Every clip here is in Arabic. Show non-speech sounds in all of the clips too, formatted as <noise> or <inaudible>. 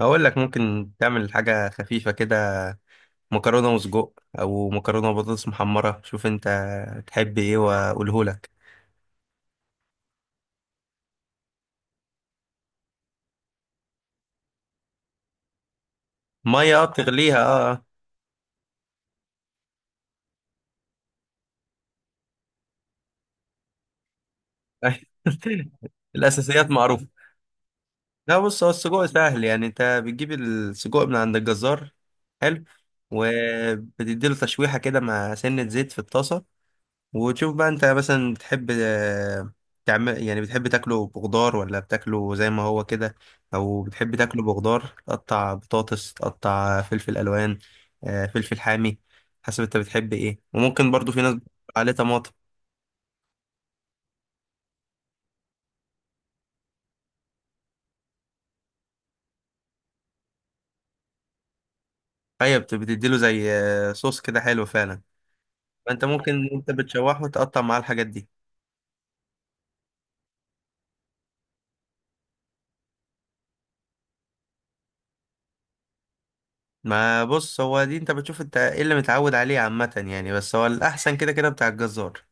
هقول لك ممكن تعمل حاجة خفيفة كده، مكرونة وسجق أو مكرونة وبطاطس محمرة. شوف أنت تحب إيه وأقوله لك. مية، بتغليها. أه. آه. <laughs> الأساسيات معروفة. لا بص، هو السجق سهل، يعني أنت بتجيب السجق من عند الجزار. حلو. وبتديله تشويحة كده مع سنة زيت في الطاسة، وتشوف بقى انت مثلا بتحب تعمل، يعني بتحب تاكله بخضار ولا بتاكله زي ما هو كده، او بتحب تاكله بخضار تقطع بطاطس، تقطع فلفل الوان، فلفل حامي. حسب انت بتحب ايه. وممكن برضو في ناس عليه طماطم. ايوه، بتديله زي صوص كده، حلو فعلا. فانت ممكن انت بتشوحه تقطع معاه الحاجات دي. ما بص، هو دي انت بتشوف انت ايه اللي متعود عليه عامة، يعني بس هو الاحسن كده كده بتاع الجزار.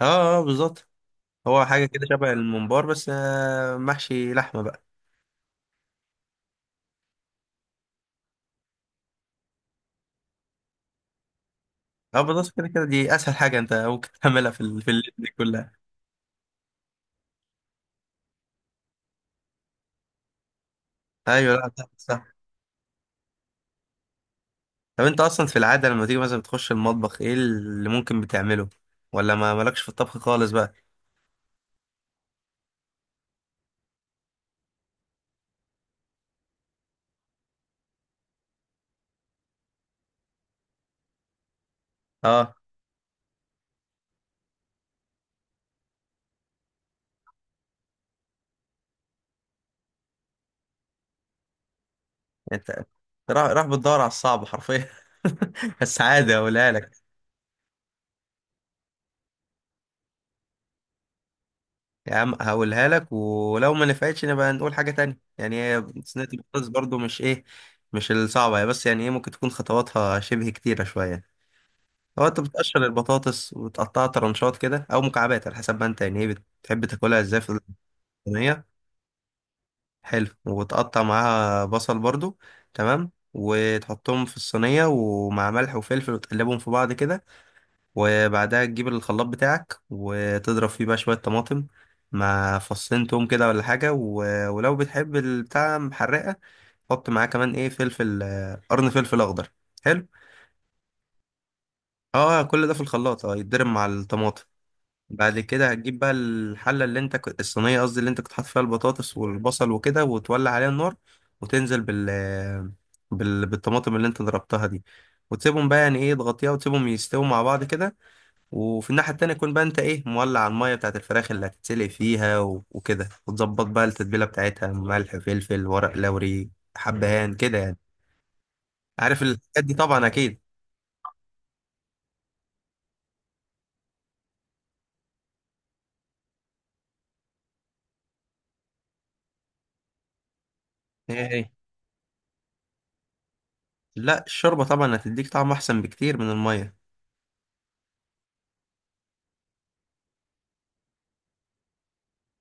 اه. اه بالظبط. هو حاجة كده شبه الممبار بس محشي لحمة بقى. اه بالظبط، كده كده دي أسهل حاجة أنت ممكن <laughs> تعملها في في الليل دي كلها. أيوة. لا صح، صح. طب أنت أصلا في العادة لما تيجي مثلا بتخش المطبخ، إيه اللي ممكن بتعمله؟ ولا ما مالكش في الطبخ خالص بقى؟ أه. أنت راح بتدور على الصعب حرفيا. <laughs> بس عادي هقولها لك. يا عم هقولها لك، ولو ما نفعتش نبقى نقول حاجة تانية. يعني هي صينية البطاطس برضو مش إيه، مش الصعبة هي، بس يعني إيه، ممكن تكون خطواتها شبه كتيرة شوية. هو انت بتقشر البطاطس وتقطعها طرنشات كده او مكعبات، على حسب ما انت يعني ايه بتحب تاكلها ازاي في الصينيه. حلو. وتقطع معاها بصل برضو. تمام. وتحطهم في الصينيه ومع ملح وفلفل وتقلبهم في بعض كده. وبعدها تجيب الخلاط بتاعك وتضرب فيه بقى شويه طماطم مع فصين توم كده ولا حاجه ولو بتحب البتاع محرقه، حط معاه كمان ايه، فلفل، قرن فلفل اخضر. حلو. اه كل ده في الخلاط، اه يتضرب مع الطماطم. بعد كده هتجيب بقى الحلة اللي انت كنت الصينية، قصدي اللي انت كنت حاطط فيها البطاطس والبصل وكده، وتولع عليها النار، وتنزل بالطماطم اللي انت ضربتها دي، وتسيبهم بقى يعني ايه، تغطيها وتسيبهم يستووا مع بعض كده. وفي الناحية التانية يكون بقى انت ايه، مولع المية بتاعت الفراخ اللي هتتسلق فيها وكده، وتظبط بقى التتبيلة بتاعتها، ملح، فلفل، ورق لوري، حبهان كده يعني. عارف الحاجات دي طبعا اكيد. ايه ايه؟ لا الشوربة طبعا هتديك طعم احسن بكتير من المية.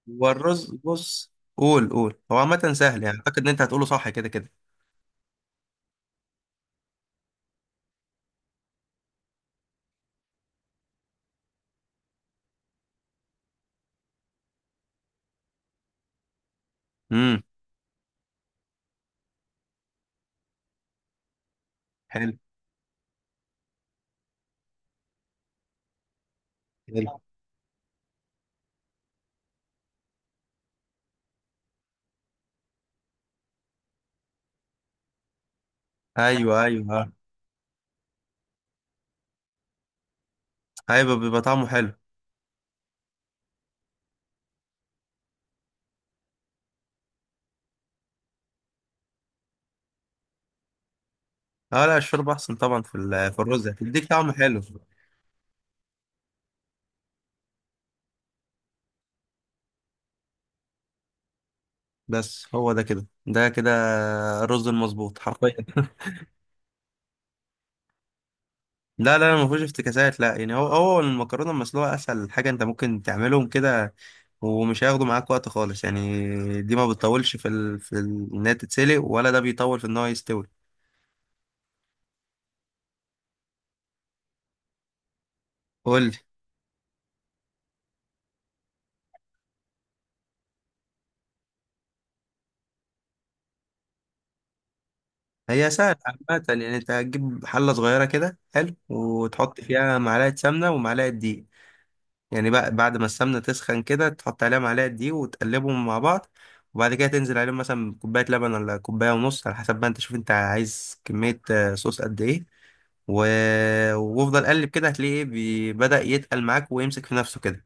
هو الرز بص. قول. هو عامة سهل، يعني اعتقد ان انت هتقوله صح كده كده. امم. حلو. حلو. ايوه ايوه، آه. ايوه بيبقى طعمه حلو. اه لا الشوربة احسن طبعا، في في الرز هتديك طعم حلو. بس هو ده كده ده كده الرز المظبوط حرفيا. لا لا لا، ما فيهوش افتكاسات. لا يعني هو المكرونة المسلوقة اسهل حاجة انت ممكن تعملهم كده، ومش هياخدوا معاك وقت خالص يعني. دي ما بتطولش في ان هي تتسلق، ولا ده بيطول في ان هو يستوي. قول. هي سهلة عامة، يعني انت هتجيب حلة صغيرة كده، حلو، وتحط فيها معلقة سمنة ومعلقة دقيق. يعني بقى بعد ما السمنة تسخن كده، تحط عليها معلقة دقيق وتقلبهم مع بعض. وبعد كده تنزل عليهم مثلا بكوباية لبن ولا كوباية ونص، على حسب بقى انت شوف انت عايز كمية صوص قد ايه و... وافضل قلب كده، هتلاقيه ايه، بدأ يتقل معاك ويمسك في نفسه كده.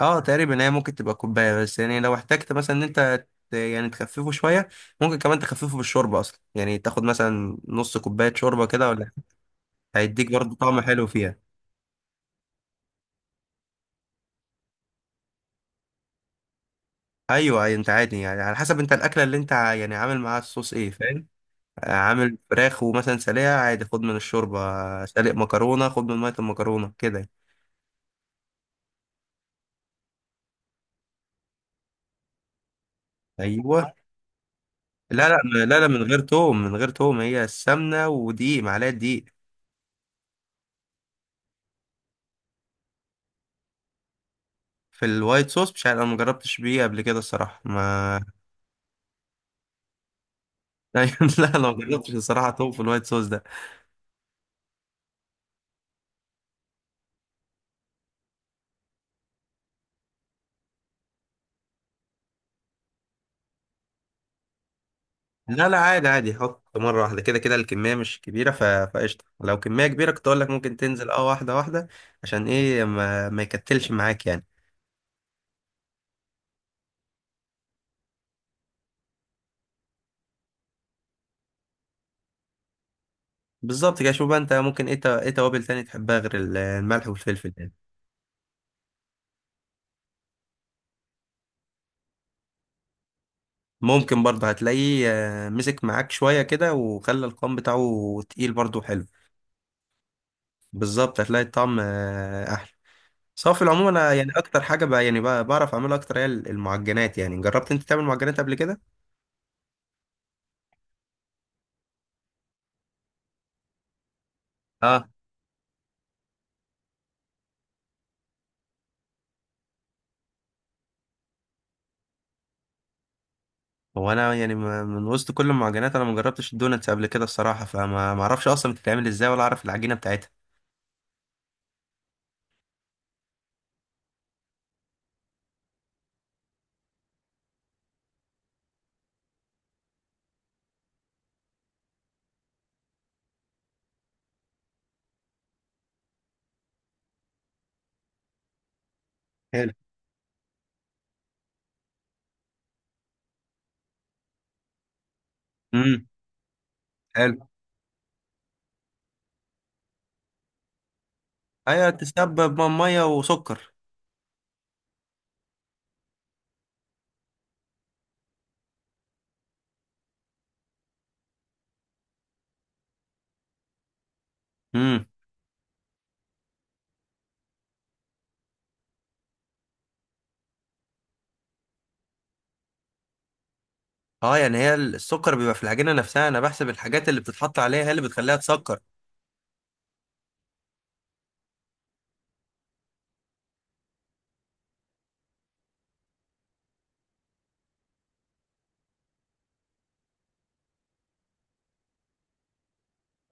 اه تقريبا، هي ممكن تبقى كوبايه، بس يعني لو احتجت مثلا ان انت يعني تخففه شويه، ممكن كمان تخففه بالشوربه اصلا، يعني تاخد مثلا نص كوبايه شوربه كده ولا، هيديك برضه طعم حلو فيها. ايوه أيوة، انت عادي يعني على حسب انت الاكله اللي انت يعني عامل معاها الصوص ايه، فاهم؟ عامل فراخ ومثلا سلقه عادي، خد من الشوربه. سالق مكرونه، خد من ميه المكرونه كده. ايوه. لا لا لا لا، من غير توم، من غير توم. هي السمنه ودقيق، معلقه دقيق. في الوايت صوص مش عارف، انا مجربتش بيه قبل كده الصراحه ما. ايوه. <laughs> لا لو جربتش الصراحه توم في الوايت صوص ده. لا لا عادي عادي، حط مره واحده كده كده الكميه مش كبيره فقشطه. لو كميه كبيره كنت اقول لك ممكن تنزل اه واحده واحده، عشان ايه ما، ما يكتلش معاك يعني. بالظبط كده. شوف بقى انت ممكن ايه، ايه توابل تاني تحبها غير الملح والفلفل يعني. ممكن برضه هتلاقيه مسك معاك شويه كده، وخلى القوام بتاعه تقيل برضه حلو. بالظبط، هتلاقي الطعم احلى. صافي. العموم انا يعني اكتر حاجه بقى يعني بقى بعرف اعملها اكتر هي المعجنات. يعني جربت انت تعمل معجنات قبل كده؟ هو انا يعني من وسط كل المعجنات انا ما جربتش الدوناتس قبل كده الصراحه، فما ما اعرفش اصلا بتتعمل ازاي ولا اعرف العجينه بتاعتها. حلو. امم. حلو. ايوه تسبب ميه وسكر. امم. اه يعني هي السكر بيبقى في العجينه نفسها، انا بحسب الحاجات اللي بتتحط عليها هي اللي بتخليها تسكر.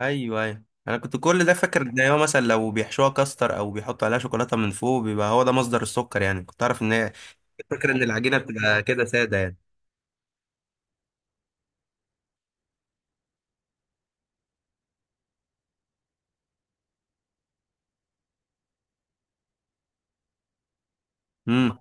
ايوه ايوه، انا كنت كل ده فاكر ان هو مثلا لو بيحشوها كاستر او بيحطوا عليها شوكولاته من فوق بيبقى هو ده مصدر السكر، يعني كنت اعرف ان هي، كنت فاكر ان العجينه بتبقى كده ساده يعني. امم.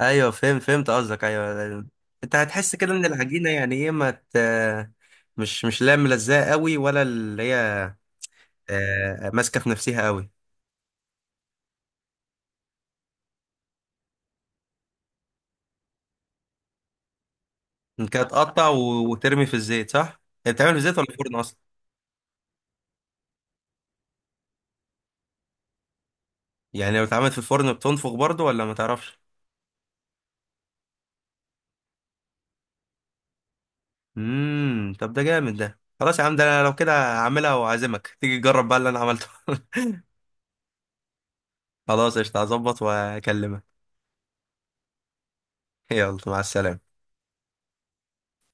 ايوه فهمت قصدك، ايوه. انت هتحس كده ان العجينه يعني ايه، ما ت... مش مش لا ملزقه قوي، ولا اللي هي ماسكه في نفسها قوي. انت هتقطع وترمي في الزيت صح؟ هي بتتعمل في الزيت ولا في الفرن اصلا؟ يعني لو اتعملت في الفرن بتنفخ برضو ولا ما تعرفش؟ امم. طب ده جامد، ده خلاص يا عم، ده انا لو كده هعملها واعزمك تيجي تجرب بقى اللي انا عملته. <laughs> خلاص قشطه، هظبط واكلمك. يلا مع السلامه.